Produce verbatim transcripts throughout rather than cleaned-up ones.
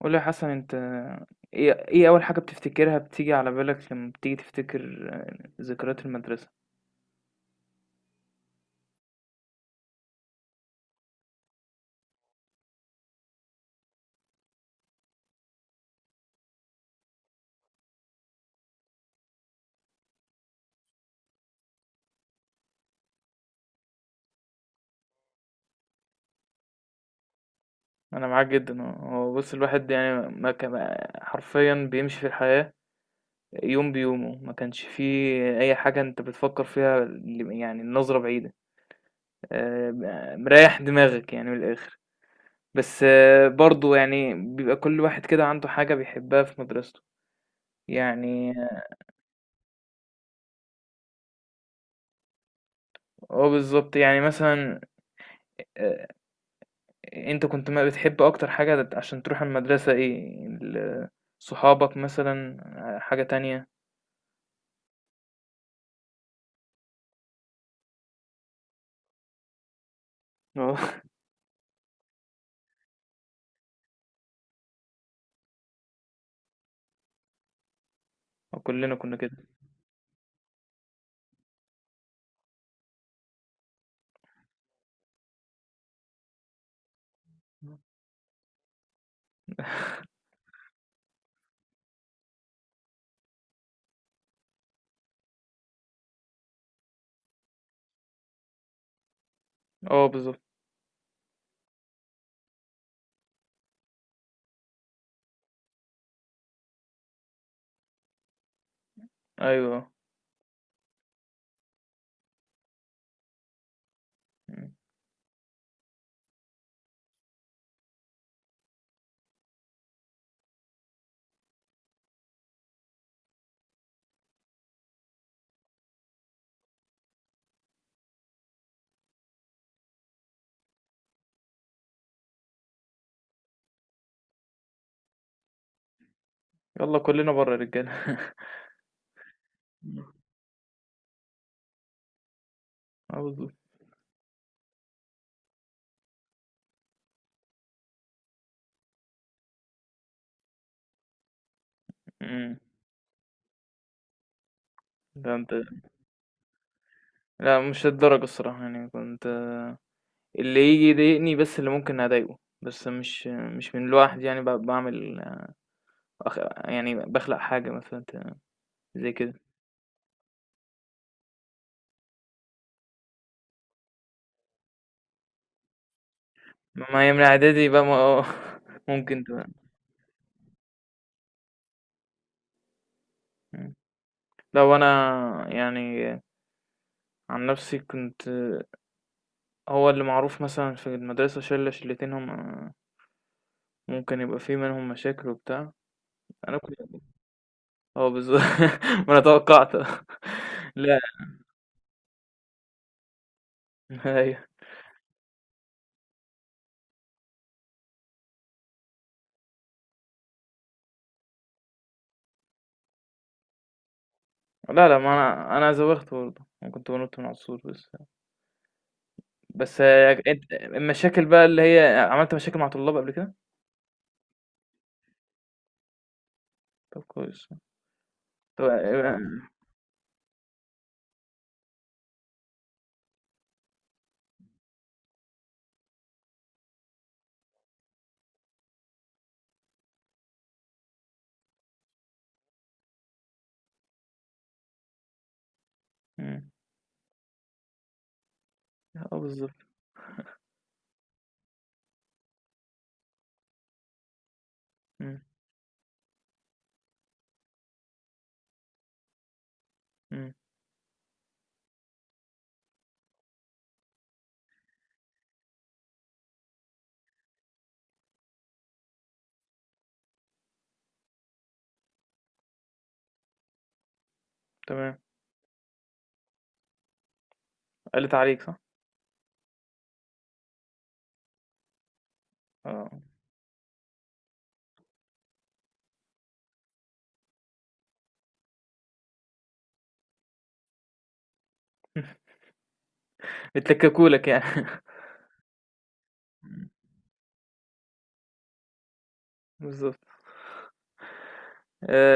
قول لي يا حسن، انت ايه ايه اول حاجة بتفتكرها، بتيجي على بالك لما بتيجي تفتكر ذكريات المدرسة. انا معاك جدا. هو بص، الواحد يعني ما كان حرفيا بيمشي في الحياة يوم بيومه، ما كانش فيه اي حاجة انت بتفكر فيها، ل- يعني النظرة بعيدة. آه، مريح دماغك يعني من الاخر. بس آه، برضو يعني بيبقى كل واحد كده عنده حاجة بيحبها في مدرسته يعني. اه بالظبط يعني، مثلا آه، انت كنت ما بتحب اكتر حاجة عشان تروح المدرسة ايه؟ ال- صحابك مثلا، حاجة تانية؟ اه، كلنا كنا كده. اه بالظبط. ايوه. مم. يلا كلنا بره يا رجالة. مم. اه بالظبط. مم. ده انت. لا، مش للدرجة الصراحة، يعني كنت اللي يجي يضايقني بس، اللي ممكن اضايقه، بس مش مش من لوحدي، يعني ب- بعمل أخ... يعني بخلق حاجة مثلا ت- زي كده. ما هي من اعدادي بقى، ما اه ممكن تبقى. لأ، هو أنا يعني، عن نفسي كنت، هو اللي معروف مثلًا في المدرسة شِلّة شِلّتين، هم ممكن يبقى في منهم مشاكل وبتاع، أنا كنت. آه بالضبط، ما أنا توقّعت. آه. لأ، أيوه. لا، لأ، ما أنا أنا زوّغت برضه، أنا كنت بانُط من على السور بس. بس أنت المشاكل بقى اللي هي، عملت مشاكل مع طلاب قبل كده؟ طب كويس. طب. إمم. آه بالضبط. إمم. إمم. تمام. قَلِّت عليك صح؟ آه. بتلكّكوا لك يعني. إمم. بالضبط. آآ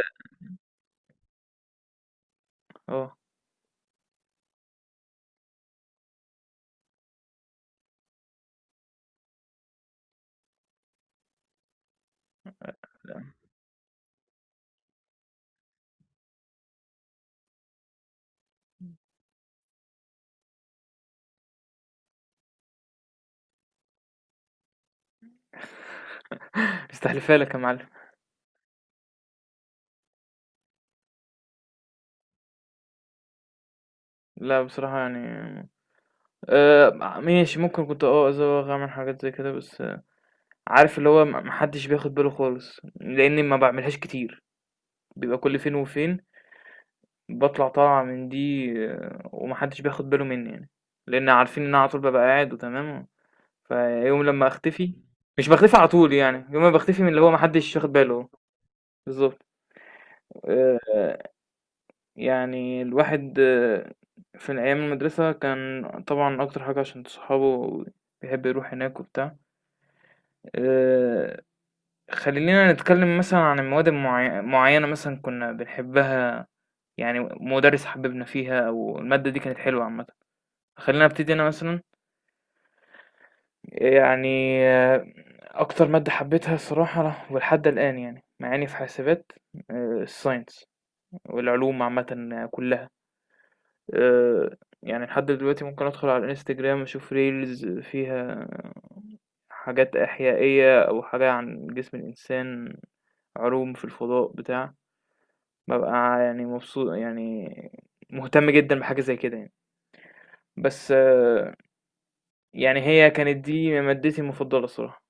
آه. مستحلفها لك يا معلم. لأ، بصراحة يعني، آآ ماشي، ممكن كنت آه أزوّغ، أعمل حاجات زي كده، بس آه عارف اللي هو، ما ما حدّش بياخد باله خالص، لإنّي ما باعملهاش كتير، بيبقى كل فين وفين باطلع طالعة من دي آه، وما حدّش بياخد باله منّي يعني، لإن عارفين إن أنا على طول بابقى قاعد وتمام، فيوم لمّا أختفي، مش باختفي على طول يعني، يوم ما باختفي من اللي هو، ما حدّش واخد باله. بالضبط. آآ يعني الواحد آه، في أيام المدرسة كان طبعا أكتر حاجة عشان صحابه بيحب يروح هناك وبتاع. آه، خلينا نتكلم مثلا عن المواد المعي- معينة مثلا كنا بنحبها، يعني مدرس حببنا فيها، أو المادة دي كانت حلوة عامة. خلينا أبتدي أنا مثلا، يعني آه، أكتر مادة حبيتها الصراحة ولحد الآن، يعني مع إني في حاسبات، آه، الساينس والعلوم عامة كلها. آآ يعني لحد دلوقتي ممكن أدخل على الإنستجرام أشوف reels فيها حاجات إحيائية، أو حاجة عن جسم الإنسان، علوم في الفضاء بتاع، بابقى يعني مبسو، يعني مهتم جدًا بحاجة زي كده يعني. بس آه، يعني هي كانت دي مادتي المفضلة الصراحة.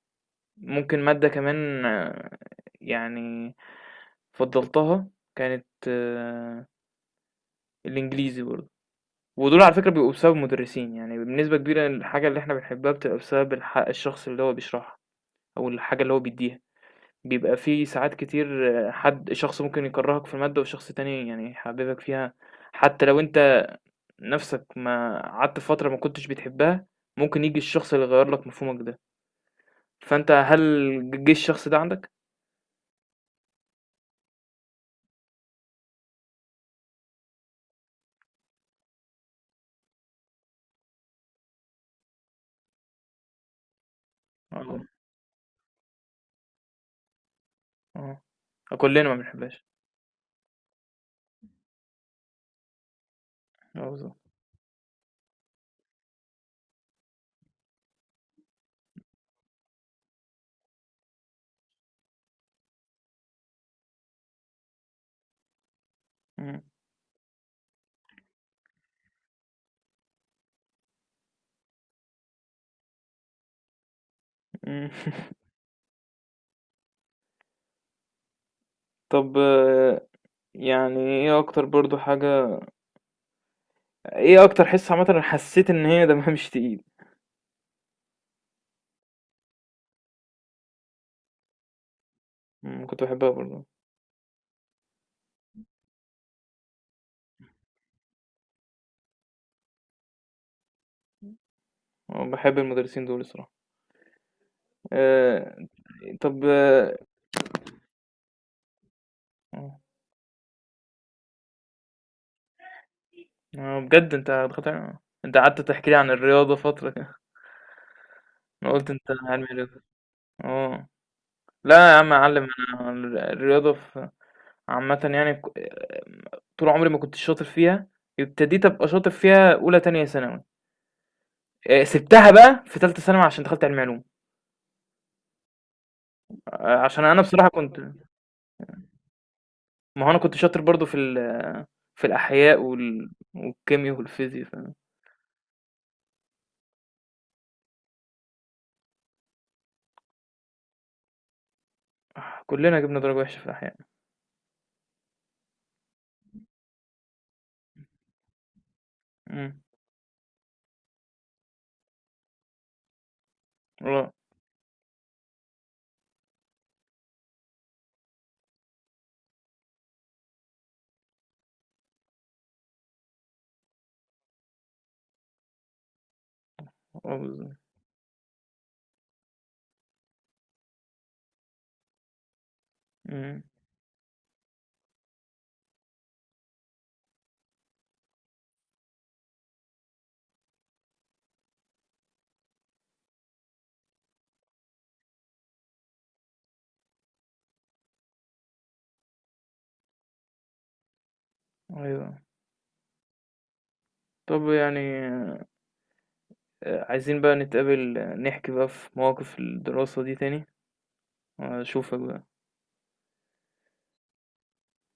ممكن مادة كمان آه، يعني فضّلتها، كانت آه، الإنجليزي برضه. ودول على فكرة بيبقوا بسبب المدرسين، يعني بنسبة كبيرة الحاجة اللي احنا بنحبها بتبقى بسبب الح... الشخص اللي هو بيشرحها، أو الحاجة اللي هو بيديها. بيبقى في ساعات كتير آه، حد شخص ممكن يكرهك في المادة، وشخص تاني يعني يحببك فيها، حتى لو انت نفسك ما قعدت فترة ما كنتش بتحبها، ممكن يجي الشخص اللي يغير لك مفهومك ده. فانت، هل جه الشخص ده عندك؟ اه. اه، كلنا ما بنحبهاش. اه بالظبط. مم. مم. طب آه، يعني ايه اكتر برضو حاجة، ايه اكتر حصة عامة أنا حسيت ان هي دمها مش تقيل؟ مم، كنت بحبها برضه. أه، بحب المدرسين دول الصراحة. أه. طب أه آه، بجد انت دخلت علم- انت قعدت تحكي لي عن الرياضة فترة كده، انا قلت انت علمي رياضة. اه. لا يا عم اعلم. انا الرياضة في عامة، يعني ك- آه، طول عمري ما كنت شاطر فيها، ابتديت ابقى شاطر فيها اولى تانية ثانوي. آه، سبتها بقى في تالتة ثانوي عشان دخلت علمي علوم. آه، عشان انا بصراحة كنت، ما هو انا كنت شاطر برضو في في الأحياء وال... والكيمياء والفيزياء ف... كلنا جبنا درجة وحشة في الأحياء. امم. اه. اه بالظبط. امم. أيوه. طب يعني آه، عايزين بقى نتقابل، آه، نحكي بقى في مواقف الدراسة دي تاني. أشوفك بقى.